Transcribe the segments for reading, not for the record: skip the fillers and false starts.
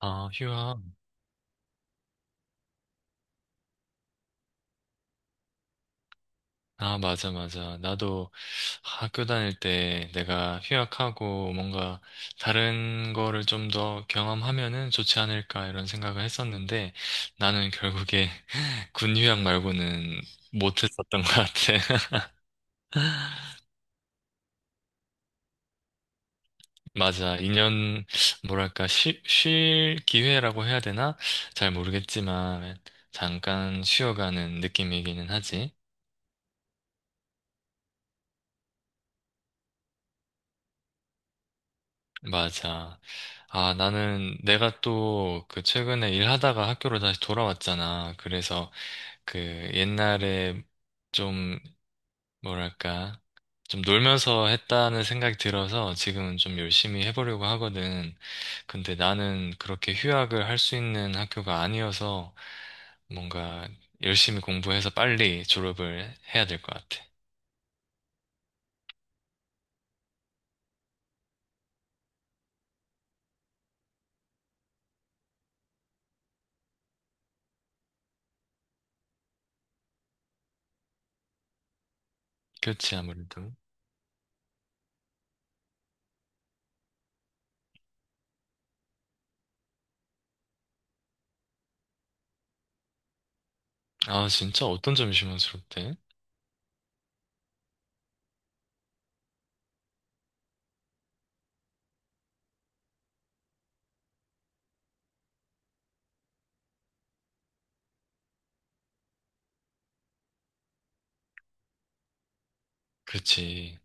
아, 휴학. 아, 맞아, 맞아. 나도 학교 다닐 때 내가 휴학하고 뭔가 다른 거를 좀 더 경험하면은 좋지 않을까 이런 생각을 했었는데 나는 결국에 군 휴학 말고는 못했었던 것 같아. 맞아. 2년, 뭐랄까, 쉴 기회라고 해야 되나? 잘 모르겠지만 잠깐 쉬어가는 느낌이기는 하지. 맞아. 아, 나는 내가 또 그 최근에 일하다가 학교로 다시 돌아왔잖아. 그래서 그 옛날에 좀 뭐랄까 좀 놀면서 했다는 생각이 들어서 지금은 좀 열심히 해보려고 하거든. 근데 나는 그렇게 휴학을 할 수 있는 학교가 아니어서 뭔가 열심히 공부해서 빨리 졸업을 해야 될 것 같아. 그렇지, 아무래도. 아, 진짜 어떤 점이 실망스럽대? 그렇지.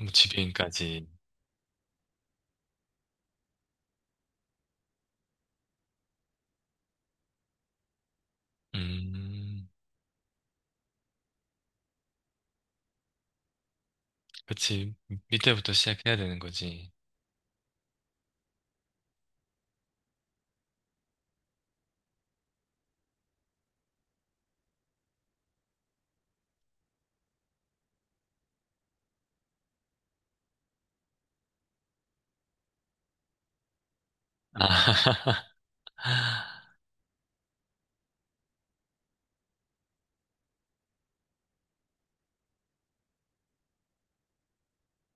뭐 지배인까지. 음, 그치. 밑에부터 시작해야 되는 거지. 아,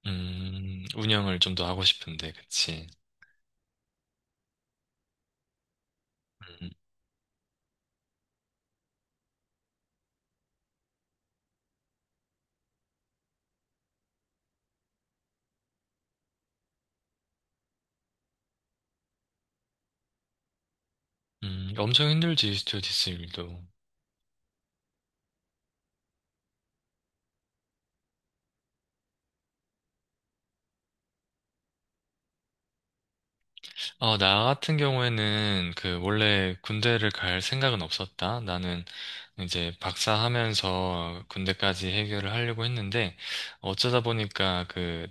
운영을 좀 더 하고 싶은데, 그치. 음, 엄청 힘들지, 스튜어디스 일도. 어, 나 같은 경우에는 그 원래 군대를 갈 생각은 없었다. 나는 이제 박사하면서 군대까지 해결을 하려고 했는데 어쩌다 보니까 그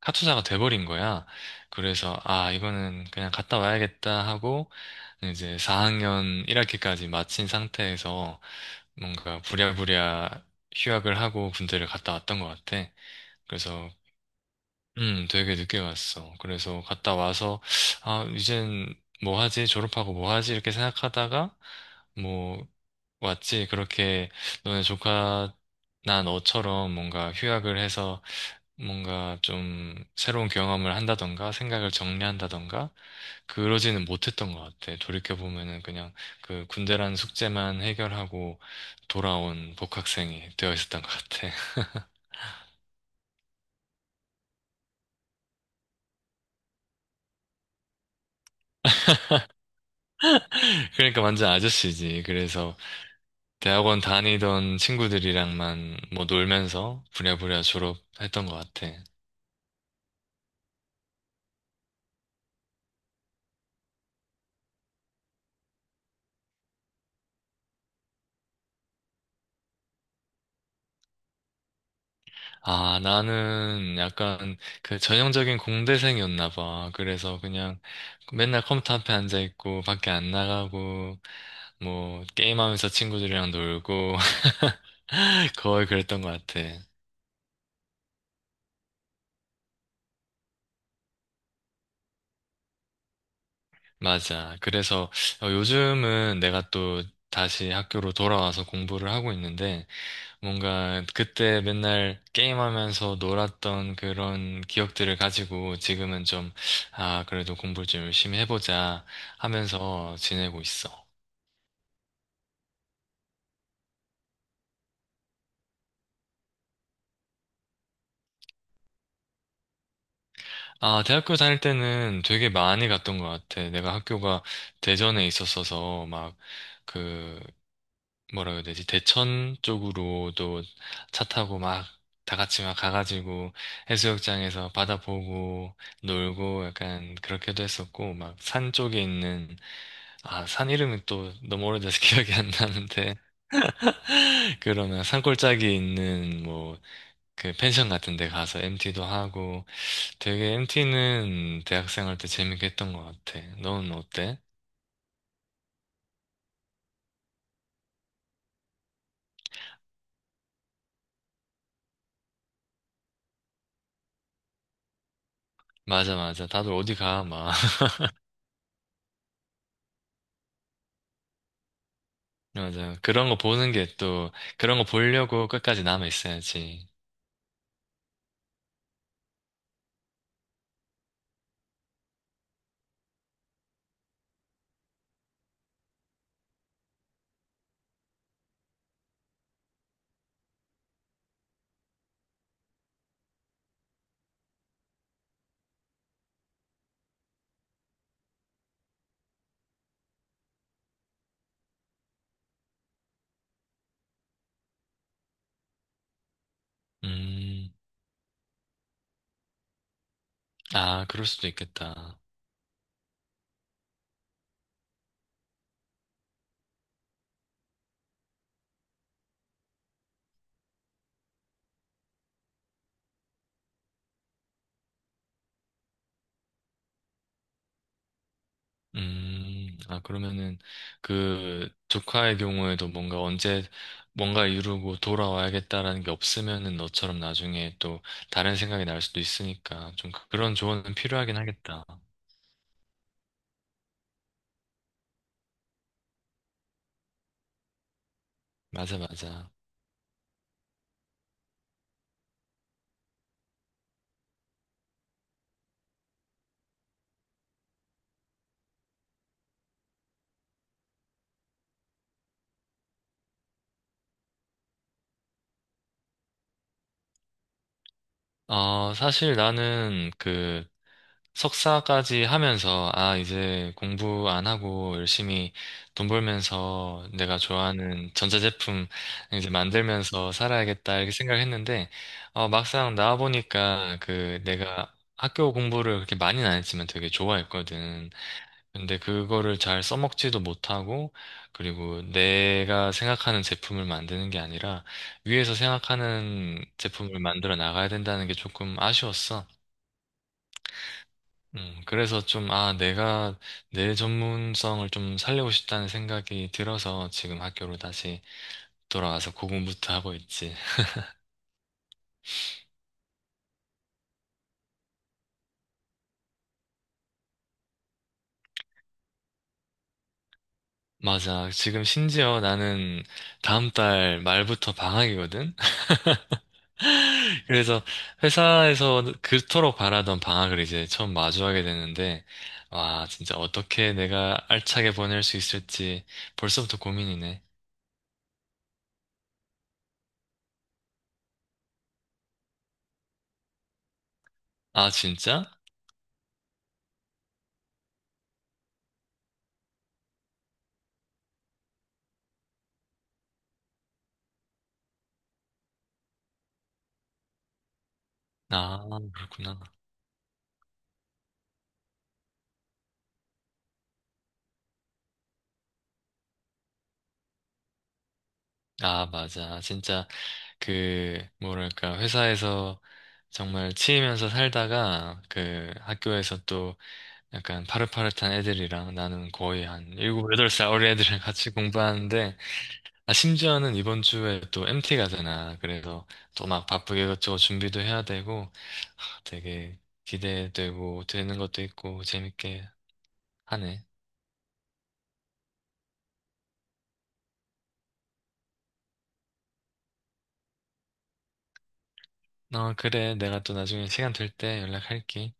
카투사가 돼버린 거야. 그래서 아, 이거는 그냥 갔다 와야겠다 하고 이제 4학년 1학기까지 마친 상태에서 뭔가 부랴부랴 휴학을 하고 군대를 갔다 왔던 것 같아. 그래서, 되게 늦게 갔어. 그래서 갔다 와서, 아, 이젠 뭐 하지? 졸업하고 뭐 하지? 이렇게 생각하다가, 뭐, 왔지. 그렇게 너네 조카, 나 너처럼 뭔가 휴학을 해서 뭔가 좀 새로운 경험을 한다던가 생각을 정리한다던가 그러지는 못했던 것 같아. 돌이켜보면은 그냥 그 군대라는 숙제만 해결하고 돌아온 복학생이 되어 있었던 것 같아. 그러니까 완전 아저씨지. 그래서 대학원 다니던 친구들이랑만 뭐 놀면서 부랴부랴 졸업했던 것 같아. 아, 나는 약간 그 전형적인 공대생이었나 봐. 그래서 그냥 맨날 컴퓨터 앞에 앉아 있고 밖에 안 나가고 뭐 게임하면서 친구들이랑 놀고 거의 그랬던 것 같아. 맞아. 그래서 어, 요즘은 내가 또 다시 학교로 돌아와서 공부를 하고 있는데 뭔가 그때 맨날 게임하면서 놀았던 그런 기억들을 가지고 지금은 좀, 아, 그래도 공부를 좀 열심히 해보자 하면서 지내고 있어. 아, 대학교 다닐 때는 되게 많이 갔던 것 같아. 내가 학교가 대전에 있었어서 막그 뭐라 그래야 되지? 대천 쪽으로도 차 타고 막 다 같이 막 가가지고 해수욕장에서 바다 보고 놀고 약간 그렇게도 했었고 막 산 쪽에 있는 아, 산 이름이 또 너무 오래돼서 기억이 안 나는데 그러면 산골짜기에 있는 뭐 그 펜션 같은 데 가서 MT도 하고 되게 MT는 대학생 할 때 재밌게 했던 것 같아. 너는 어때? 맞아, 맞아, 다들 어디 가 막. 맞아요. 그런 거 보는 게 또, 그런 거 보려고 끝까지 남아 있어야지. 음, 아, 그럴 수도 있겠다. 아, 그러면은, 그, 조카의 경우에도 뭔가 언제, 뭔가 이루고 돌아와야겠다라는 게 없으면은 너처럼 나중에 또 다른 생각이 날 수도 있으니까 좀 그런 조언은 필요하긴 하겠다. 맞아, 맞아. 어, 사실 나는 그, 석사까지 하면서, 아, 이제 공부 안 하고 열심히 돈 벌면서 내가 좋아하는 전자제품 이제 만들면서 살아야겠다, 이렇게 생각했는데, 어, 막상 나와보니까 그 내가 학교 공부를 그렇게 많이는 안 했지만 되게 좋아했거든. 근데 그거를 잘 써먹지도 못하고, 그리고 내가 생각하는 제품을 만드는 게 아니라, 위에서 생각하는 제품을 만들어 나가야 된다는 게 조금 아쉬웠어. 그래서 좀, 아, 내가 내 전문성을 좀 살리고 싶다는 생각이 들어서 지금 학교로 다시 돌아와서 고군분투 하고 있지. 맞아. 지금 심지어 나는 다음 달 말부터 방학이거든? 그래서 회사에서 그토록 바라던 방학을 이제 처음 마주하게 되는데, 와, 진짜 어떻게 내가 알차게 보낼 수 있을지 벌써부터 고민이네. 아, 진짜? 아, 그렇구나. 아, 맞아. 진짜 그 뭐랄까 회사에서 정말 치이면서 살다가 그 학교에서 또 약간 파릇파릇한 애들이랑 나는 거의 한 7~8살 어린 애들이랑 같이 공부하는데 아 심지어는 이번 주에 또 MT 가잖아. 그래서 또 막 바쁘게 이것저것 준비도 해야 되고 되게 기대되고 되는 것도 있고 재밌게 하네. 어, 그래. 내가 또 나중에 시간 될 때 연락할게.